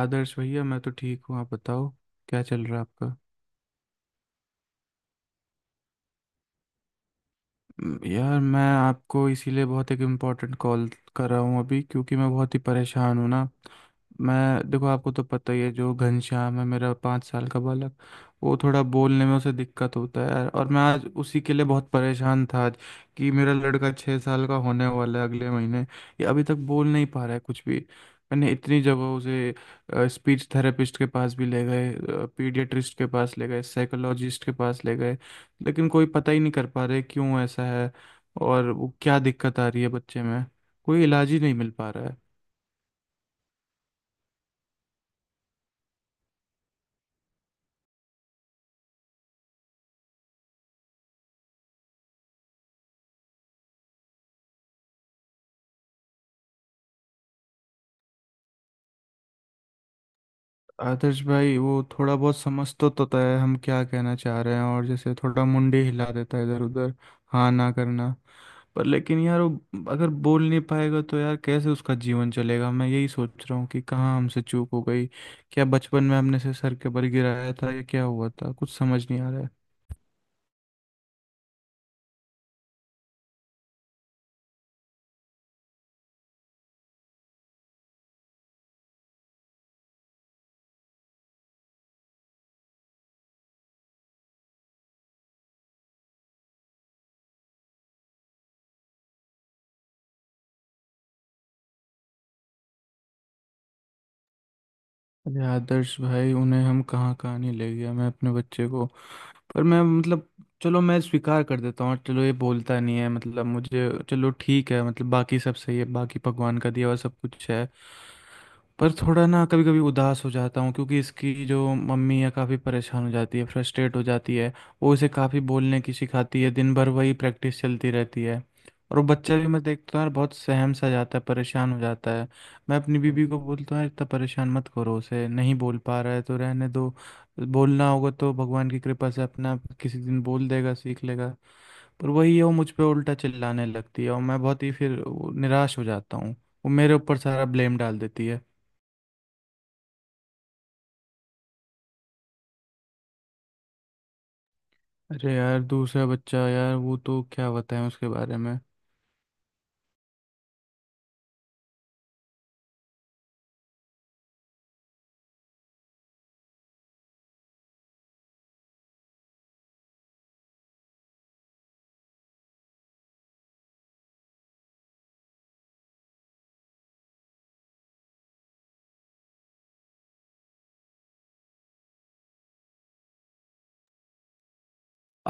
आदर्श भैया मैं तो ठीक हूँ। आप बताओ क्या चल रहा है आपका। यार मैं आपको इसीलिए बहुत एक इम्पोर्टेंट कॉल कर रहा हूँ अभी, क्योंकि मैं बहुत ही परेशान हूँ ना। मैं देखो, आपको तो पता ही है जो घनश्याम है, मेरा 5 साल का बालक वो थोड़ा बोलने में उसे दिक्कत होता है यार। और मैं आज उसी के लिए बहुत परेशान था आज, कि मेरा लड़का 6 साल का होने वाला है अगले महीने, ये अभी तक बोल नहीं पा रहा है कुछ भी। मैंने इतनी जगह उसे स्पीच थेरेपिस्ट के पास भी ले गए, पीडियाट्रिस्ट के पास ले गए, साइकोलॉजिस्ट के पास ले गए, लेकिन कोई पता ही नहीं कर पा रहे क्यों ऐसा है और वो क्या दिक्कत आ रही है बच्चे में। कोई इलाज ही नहीं मिल पा रहा है। आदर्श भाई वो थोड़ा बहुत समझ तो तय है हम क्या कहना चाह रहे हैं, और जैसे थोड़ा मुंडी हिला देता है इधर उधर, हाँ ना करना। पर लेकिन यार वो अगर बोल नहीं पाएगा तो यार कैसे उसका जीवन चलेगा? मैं यही सोच रहा हूँ कि कहाँ हमसे चूक हो गई। क्या बचपन में हमने से सर के बल गिराया था या क्या हुआ था? कुछ समझ नहीं आ रहा है। अरे आदर्श भाई, उन्हें हम कहाँ कहाँ नहीं ले गया मैं अपने बच्चे को। पर मैं मतलब, चलो मैं स्वीकार कर देता हूँ, चलो ये बोलता नहीं है मतलब मुझे, चलो ठीक है मतलब बाकी सब सही है, बाकी भगवान का दिया हुआ सब कुछ है। पर थोड़ा ना कभी कभी उदास हो जाता हूँ, क्योंकि इसकी जो मम्मी है काफ़ी परेशान हो जाती है, फ्रस्ट्रेट हो जाती है। वो इसे काफ़ी बोलने की सिखाती है, दिन भर वही प्रैक्टिस चलती रहती है। और वो बच्चा भी मैं देखता हूँ यार बहुत सहम सा जाता है, परेशान हो जाता है। मैं अपनी बीबी को बोलता हूँ यार इतना परेशान मत करो उसे, नहीं बोल पा रहा है तो रहने दो। बोलना होगा तो भगवान की कृपा से अपने आप किसी दिन बोल देगा, सीख लेगा। पर वही है, वो मुझ पे उल्टा चिल्लाने लगती है और मैं बहुत ही फिर वो निराश हो जाता हूँ। वो मेरे ऊपर सारा ब्लेम डाल देती है। अरे यार दूसरा बच्चा, यार वो तो क्या बताएं उसके बारे में।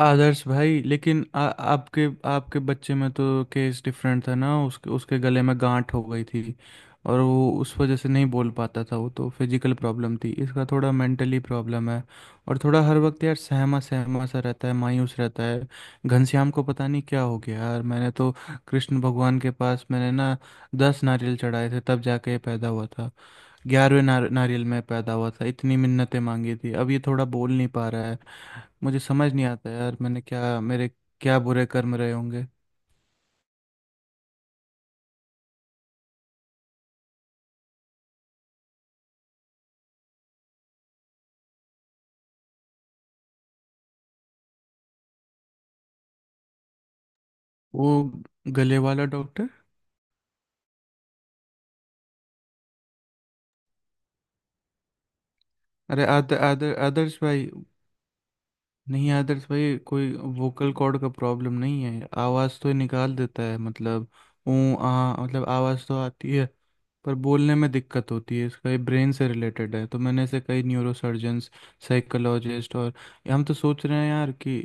आदर्श भाई लेकिन आ, आपके आपके बच्चे में तो केस डिफरेंट था ना, उसके उसके गले में गांठ हो गई थी और वो उस वजह से नहीं बोल पाता था। वो तो फिजिकल प्रॉब्लम थी, इसका थोड़ा मेंटली प्रॉब्लम है। और थोड़ा हर वक्त यार सहमा सहमा सा रहता है, मायूस रहता है। घनश्याम को पता नहीं क्या हो गया यार। मैंने तो कृष्ण भगवान के पास मैंने ना 10 नारियल चढ़ाए थे, तब जाके ये पैदा हुआ था। 11वें नारियल में पैदा हुआ था, इतनी मिन्नतें मांगी थी, अब ये थोड़ा बोल नहीं पा रहा है। मुझे समझ नहीं आता यार, मैंने क्या, मेरे क्या बुरे कर्म रहे होंगे। वो गले वाला डॉक्टर? अरे आदर आदर आदर्श भाई, नहीं आदर्श भाई, कोई वोकल कॉर्ड का प्रॉब्लम नहीं है, आवाज़ तो निकाल देता है मतलब। ऊ आ, मतलब आवाज़ तो आती है, पर बोलने में दिक्कत होती है इसका, ये ब्रेन से रिलेटेड है। तो मैंने ऐसे कई न्यूरोसर्जन्स, साइकोलॉजिस्ट, और हम तो सोच रहे हैं यार कि,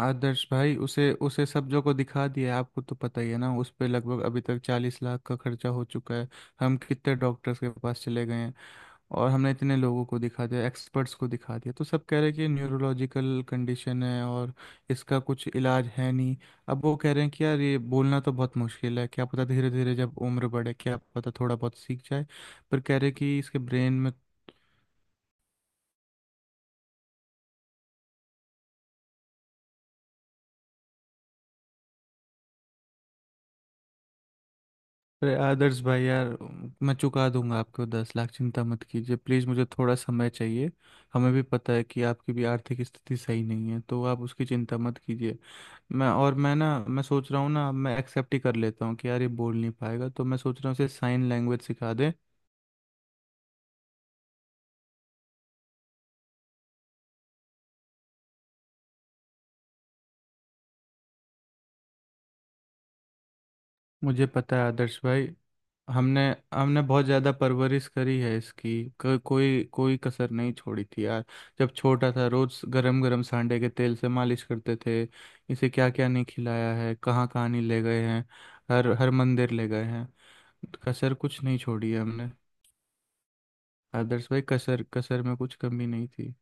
आदर्श भाई उसे उसे सब्जों को दिखा दिया है, आपको तो पता ही है ना, उस पे लगभग अभी तक 40 लाख का खर्चा हो चुका है। हम कितने डॉक्टर्स के पास चले गए हैं और हमने इतने लोगों को दिखा दिया, एक्सपर्ट्स को दिखा दिया, तो सब कह रहे हैं कि न्यूरोलॉजिकल कंडीशन है और इसका कुछ इलाज है नहीं। अब वो कह रहे हैं कि यार ये बोलना तो बहुत मुश्किल है, क्या पता धीरे धीरे जब उम्र बढ़े क्या पता थोड़ा बहुत सीख जाए, पर कह रहे हैं कि इसके ब्रेन में। अरे आदर्श भाई यार, मैं चुका दूंगा आपको 10 लाख, चिंता मत कीजिए प्लीज़, मुझे थोड़ा समय चाहिए। हमें भी पता है कि आपकी भी आर्थिक स्थिति सही नहीं है, तो आप उसकी चिंता मत कीजिए। मैं सोच रहा हूँ ना, मैं एक्सेप्ट ही कर लेता हूँ कि यार ये बोल नहीं पाएगा, तो मैं सोच रहा हूँ इसे साइन लैंग्वेज सिखा दें। मुझे पता है आदर्श भाई, हमने हमने बहुत ज़्यादा परवरिश करी है इसकी, को, कोई कोई कसर नहीं छोड़ी थी यार। जब छोटा था रोज़ गरम गरम सांडे के तेल से मालिश करते थे। इसे क्या क्या नहीं खिलाया है, कहाँ कहाँ नहीं ले गए हैं, हर हर मंदिर ले गए हैं। कसर कुछ नहीं छोड़ी है हमने। आदर्श भाई कसर कसर में कुछ कमी नहीं थी।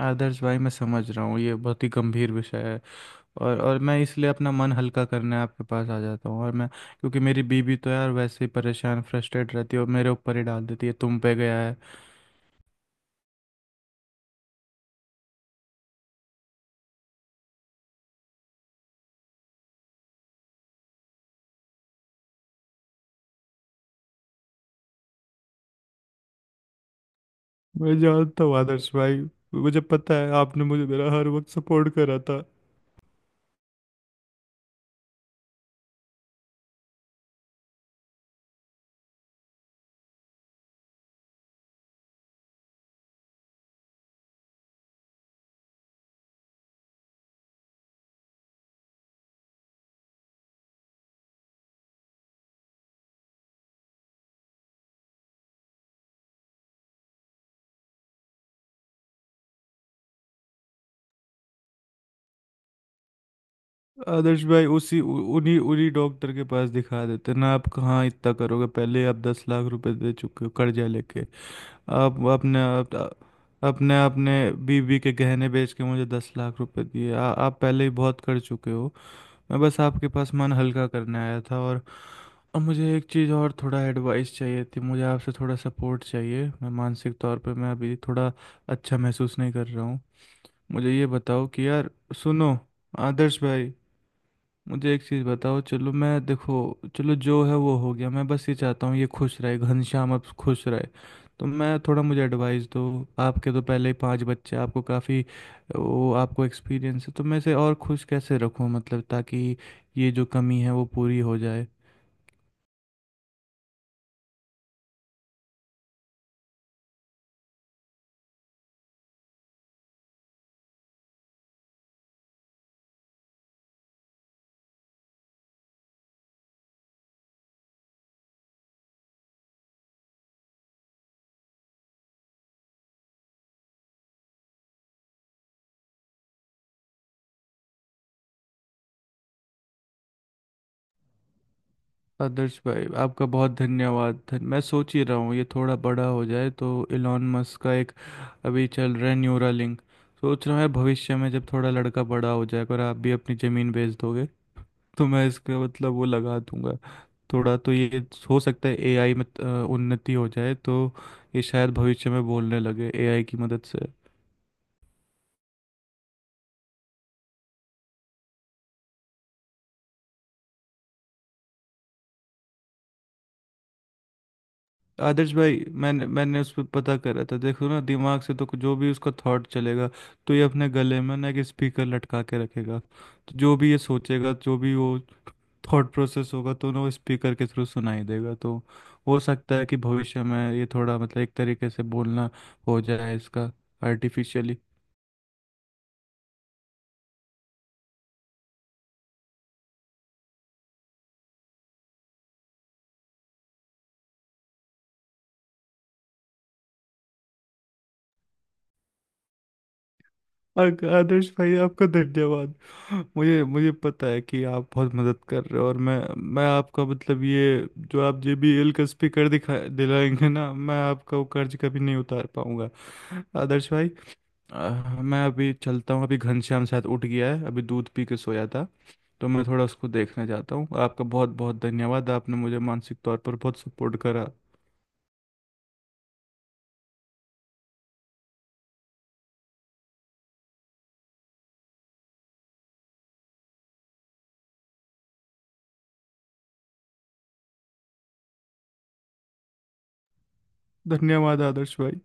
आदर्श भाई मैं समझ रहा हूँ ये बहुत ही गंभीर विषय है, और मैं इसलिए अपना मन हल्का करने आपके पास आ जाता हूँ, और मैं, क्योंकि मेरी बीवी तो यार वैसे ही परेशान फ्रस्ट्रेट रहती है और मेरे ऊपर ही डाल देती है, तुम पे गया है। मैं जानता हूँ आदर्श भाई, मुझे पता है आपने मुझे मेरा हर वक्त सपोर्ट करा था। आदर्श भाई उसी उ- उन्हीं उन्हीं डॉक्टर के पास दिखा देते ना, आप कहाँ इतना करोगे? पहले आप 10 लाख रुपए दे चुके हो कर्जा लेके। आप, अपने अपने बीवी के गहने बेच के मुझे 10 लाख रुपए दिए, आप पहले ही बहुत कर चुके हो। मैं बस आपके पास मन हल्का करने आया था, और मुझे एक चीज़ और थोड़ा एडवाइस चाहिए थी, मुझे आपसे थोड़ा सपोर्ट चाहिए। मैं मानसिक तौर पे मैं अभी थोड़ा अच्छा महसूस नहीं कर रहा हूँ। मुझे ये बताओ कि यार, सुनो आदर्श भाई, मुझे एक चीज़ बताओ। चलो मैं देखो, चलो जो है वो हो गया, मैं बस ये चाहता हूँ ये खुश रहे घनश्याम, अब खुश रहे। तो मैं थोड़ा, मुझे एडवाइस दो। आपके तो पहले ही 5 बच्चे, आपको काफ़ी वो, आपको एक्सपीरियंस है, तो मैं इसे और खुश कैसे रखूँ मतलब, ताकि ये जो कमी है वो पूरी हो जाए। आदर्श भाई आपका बहुत धन्यवाद, मैं सोच ही रहा हूँ ये थोड़ा बड़ा हो जाए, तो इलॉन मस्क का एक अभी चल रहा है न्यूरालिंक। सोच रहा हूँ भविष्य में जब थोड़ा लड़का बड़ा हो जाएगा और आप भी अपनी ज़मीन बेच दोगे तो मैं इसका मतलब वो लगा दूंगा। थोड़ा तो ये, हो सकता है एआई में उन्नति हो जाए तो ये शायद भविष्य में बोलने लगे एआई की मदद से। आदर्श भाई मैंने मैंने उस पर पता करा था। देखो ना दिमाग से तो जो भी उसका थॉट चलेगा, तो ये अपने गले में ना एक स्पीकर लटका के रखेगा। तो जो भी ये सोचेगा, जो भी वो थॉट प्रोसेस होगा, तो ना वो स्पीकर के थ्रू सुनाई देगा, तो हो सकता है कि भविष्य में ये थोड़ा मतलब एक तरीके से बोलना हो जाए इसका, आर्टिफिशियली। आदर्श भाई आपका धन्यवाद। मुझे मुझे पता है कि आप बहुत मदद कर रहे हो, और मैं आपका मतलब ये जो आप JBL का स्पीकर दिखा दिलाएंगे ना, मैं आपका वो कर्ज कभी नहीं उतार पाऊंगा। आदर्श भाई, अ, मैं अभी चलता हूँ, अभी घनश्याम शायद उठ गया है, अभी दूध पी के सोया था। तो मैं थोड़ा उसको देखने जाता हूँ। आपका बहुत बहुत धन्यवाद, आपने मुझे मानसिक तौर पर बहुत सपोर्ट करा। धन्यवाद आदर्श भाई।